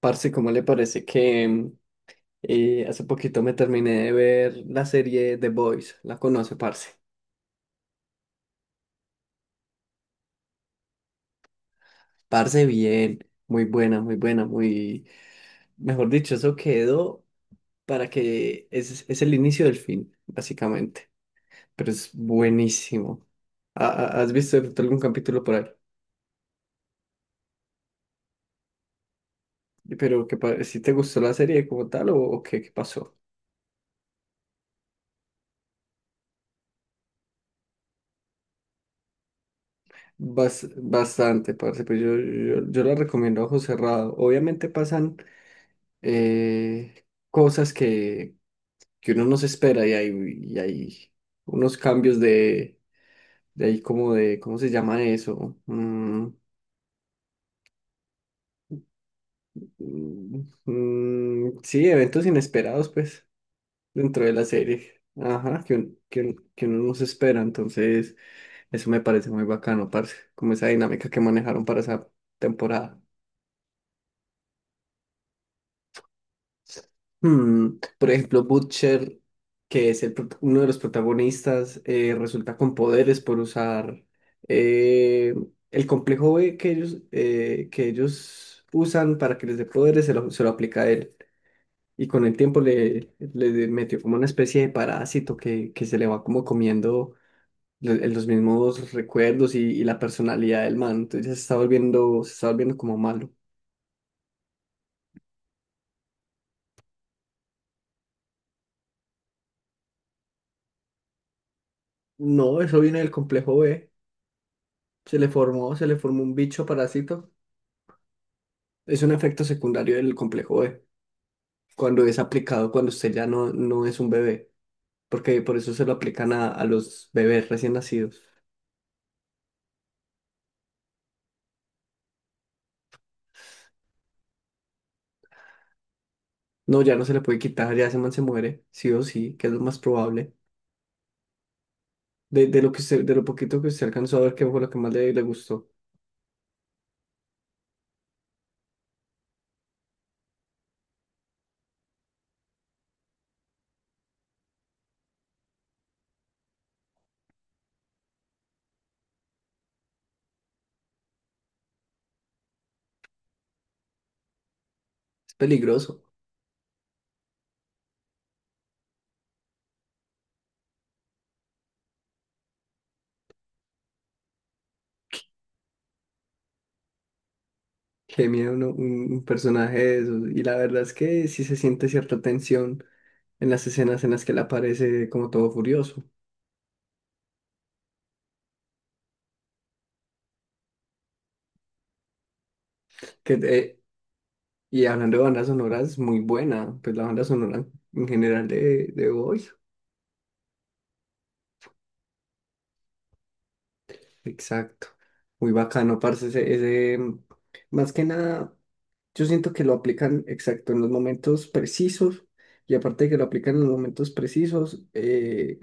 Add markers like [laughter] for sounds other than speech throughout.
Parce, ¿cómo le parece que hace poquito me terminé de ver la serie The Boys? ¿La conoce, parce? Parce, bien, muy buena, muy buena, muy... Mejor dicho, eso quedó para que... Es el inicio del fin, básicamente. Pero es buenísimo. ¿¿Has visto de pronto algún capítulo por ahí? Pero que si te gustó la serie como tal o qué, ¿qué pasó? Bastante, parce, pues yo la recomiendo a ojo cerrado. Obviamente pasan eh, cosas que uno no se espera y hay unos cambios de ahí como de, ¿cómo se llama eso? Sí, eventos inesperados, pues, dentro de la serie. Ajá, que uno no se espera, entonces eso me parece muy bacano, parce, como esa dinámica que manejaron para esa temporada. Por ejemplo, Butcher, que es uno de los protagonistas, resulta con poderes por usar eh, el complejo B que ellos usan para que les dé poderes, se lo aplica a él. Y con el tiempo le metió como una especie de parásito que se le va como comiendo los mismos recuerdos y la personalidad del man. Entonces se está volviendo como malo. No, eso viene del complejo B. Se le formó un bicho parásito. Es un efecto secundario del complejo B, cuando es aplicado cuando usted ya no es un bebé, porque por eso se lo aplican a los bebés recién nacidos. No, ya no se le puede quitar, ya ese man se muere, sí o sí, que es lo más probable. De, de lo poquito que usted alcanzó a ver, que fue lo que más le gustó. Es peligroso. Qué miedo un personaje de esos. Y la verdad es que sí se siente cierta tensión en las escenas en las que él aparece como todo furioso. Que, eh, Y hablando de bandas sonoras, muy buena, pues la banda sonora en general de Boys. Exacto. Muy bacano, parce, más que nada, yo siento que lo aplican exacto en los momentos precisos, y aparte de que lo aplican en los momentos precisos,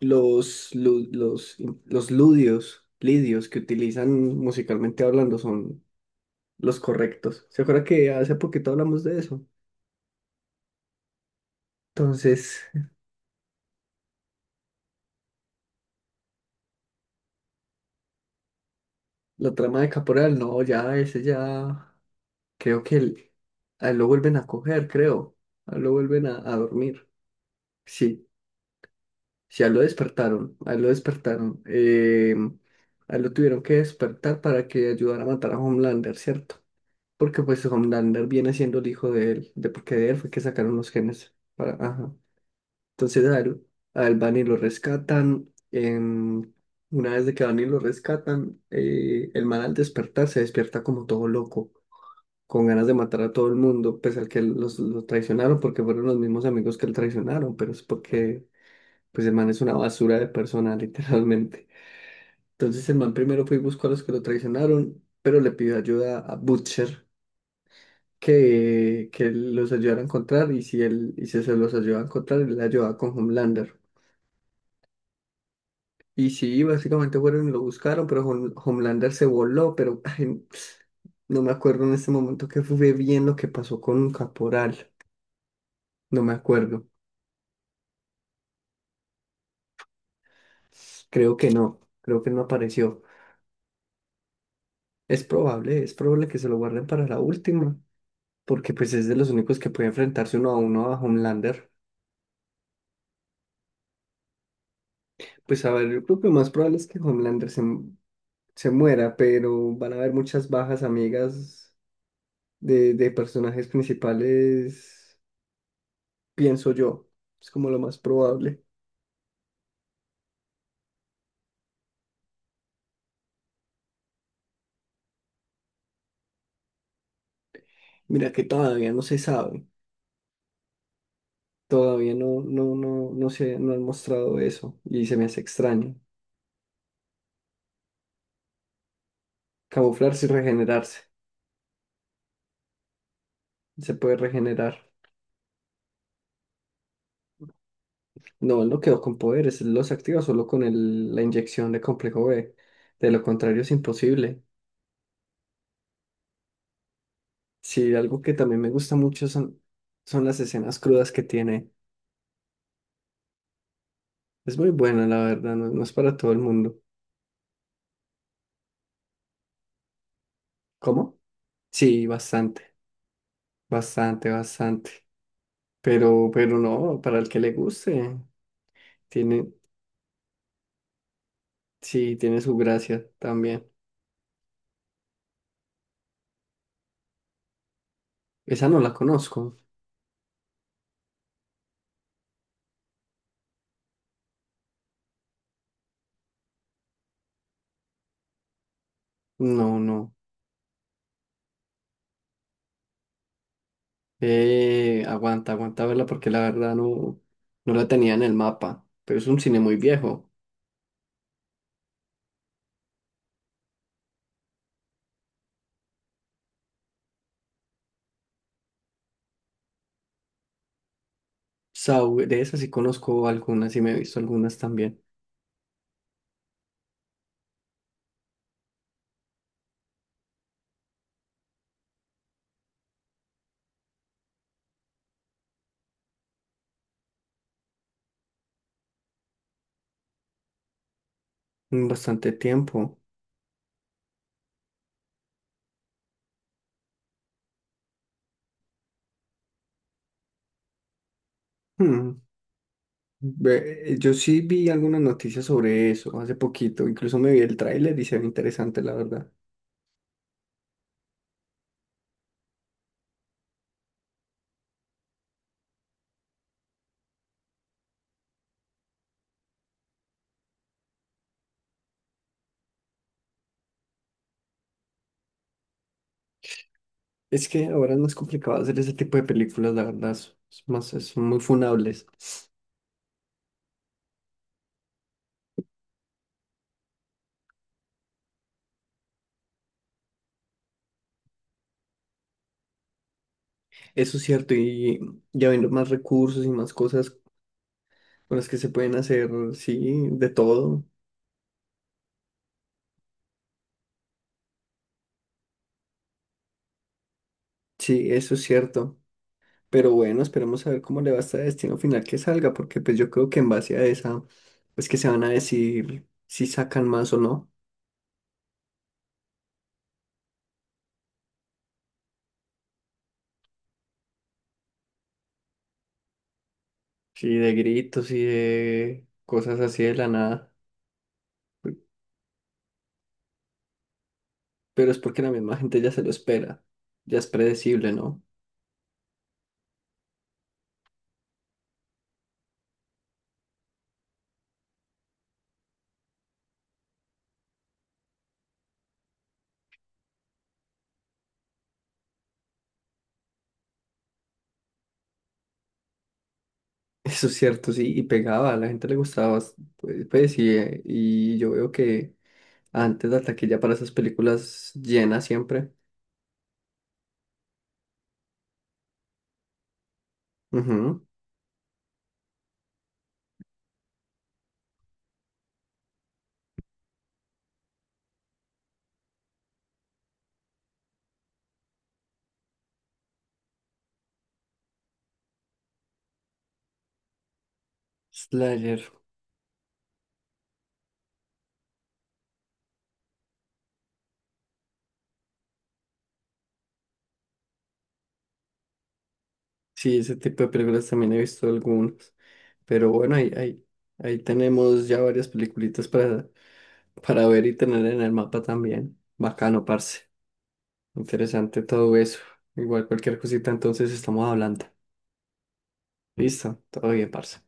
los, lu- los, los ludios, lidios que utilizan musicalmente hablando son los correctos. ¿Se acuerda que hace poquito hablamos de eso? Entonces, la trama de Caporal, no, ya, ese ya. Creo que a él lo vuelven a coger, creo. A él lo vuelven a dormir. Sí, sí, a él lo despertaron. A él lo despertaron. A él lo tuvieron que despertar para que ayudara a matar a Homelander, ¿cierto? Porque pues Homelander viene siendo el hijo de él, de porque de él fue que sacaron los genes. Para, ajá. Entonces a él van y lo rescatan. Una vez de que van y lo rescatan, el man al despertar se despierta como todo loco con ganas de matar a todo el mundo, pese al que los traicionaron, porque fueron los mismos amigos que él traicionaron, pero es porque, pues el man es una basura de persona, [laughs] literalmente. Entonces el man primero fue y buscó a los que lo traicionaron, pero le pidió ayuda a Butcher, que los ayudara a encontrar, y si se los ayudaba a encontrar, él le ayudaba con Homelander. Y sí, básicamente fueron y lo buscaron, pero Homelander se voló, pero ay, no me acuerdo en este momento que fue bien lo que pasó con Caporal, no me acuerdo. Creo que no apareció. Es probable que se lo guarden para la última, porque pues es de los únicos que puede enfrentarse uno a uno a Homelander. Pues a ver, yo creo que lo más probable es que Homelander se muera, pero van a haber muchas bajas amigas de personajes principales, pienso yo. Es como lo más probable. Mira que todavía no se sabe, todavía no han mostrado eso y se me hace extraño. Camuflarse y regenerarse, se puede regenerar. No, él no quedó con poderes, él los activa solo con la inyección de complejo B. De lo contrario es imposible. Sí, algo que también me gusta mucho son las escenas crudas que tiene. Es muy buena, la verdad, no es para todo el mundo. ¿Cómo? Sí, bastante, bastante, bastante. Pero no, para el que le guste, tiene, sí, tiene su gracia también. Esa no la conozco. No, no. Aguanta, aguanta verla porque la verdad no la tenía en el mapa, pero es un cine muy viejo. Saw, de esas sí conozco algunas y me he visto algunas también en bastante tiempo. Hmm, Yo sí vi algunas noticias sobre eso hace poquito, incluso me vi el tráiler y se ve interesante, la verdad. Es que ahora es más complicado hacer ese tipo de películas, la verdad, es más, son muy funables. Eso es cierto, y ya viendo más recursos y más cosas con las que se pueden hacer, sí, de todo. Sí, eso es cierto. Pero bueno, esperemos a ver cómo le va a este destino final que salga, porque pues yo creo que en base a esa, pues que se van a decir si sacan más o no. Sí, de gritos y de cosas así de la nada. Pero es porque la misma gente ya se lo espera. Ya es predecible, ¿no? [laughs] Eso es cierto, sí, y pegaba, a la gente le gustaba, pues, y yo veo que antes la taquilla para esas películas llena siempre. Ujú. Slayer. Sí, ese tipo de películas también he visto algunas. Pero bueno, ahí tenemos ya varias peliculitas para ver y tener en el mapa también. Bacano, parce. Interesante todo eso. Igual cualquier cosita, entonces estamos hablando. Listo, todo bien, parce.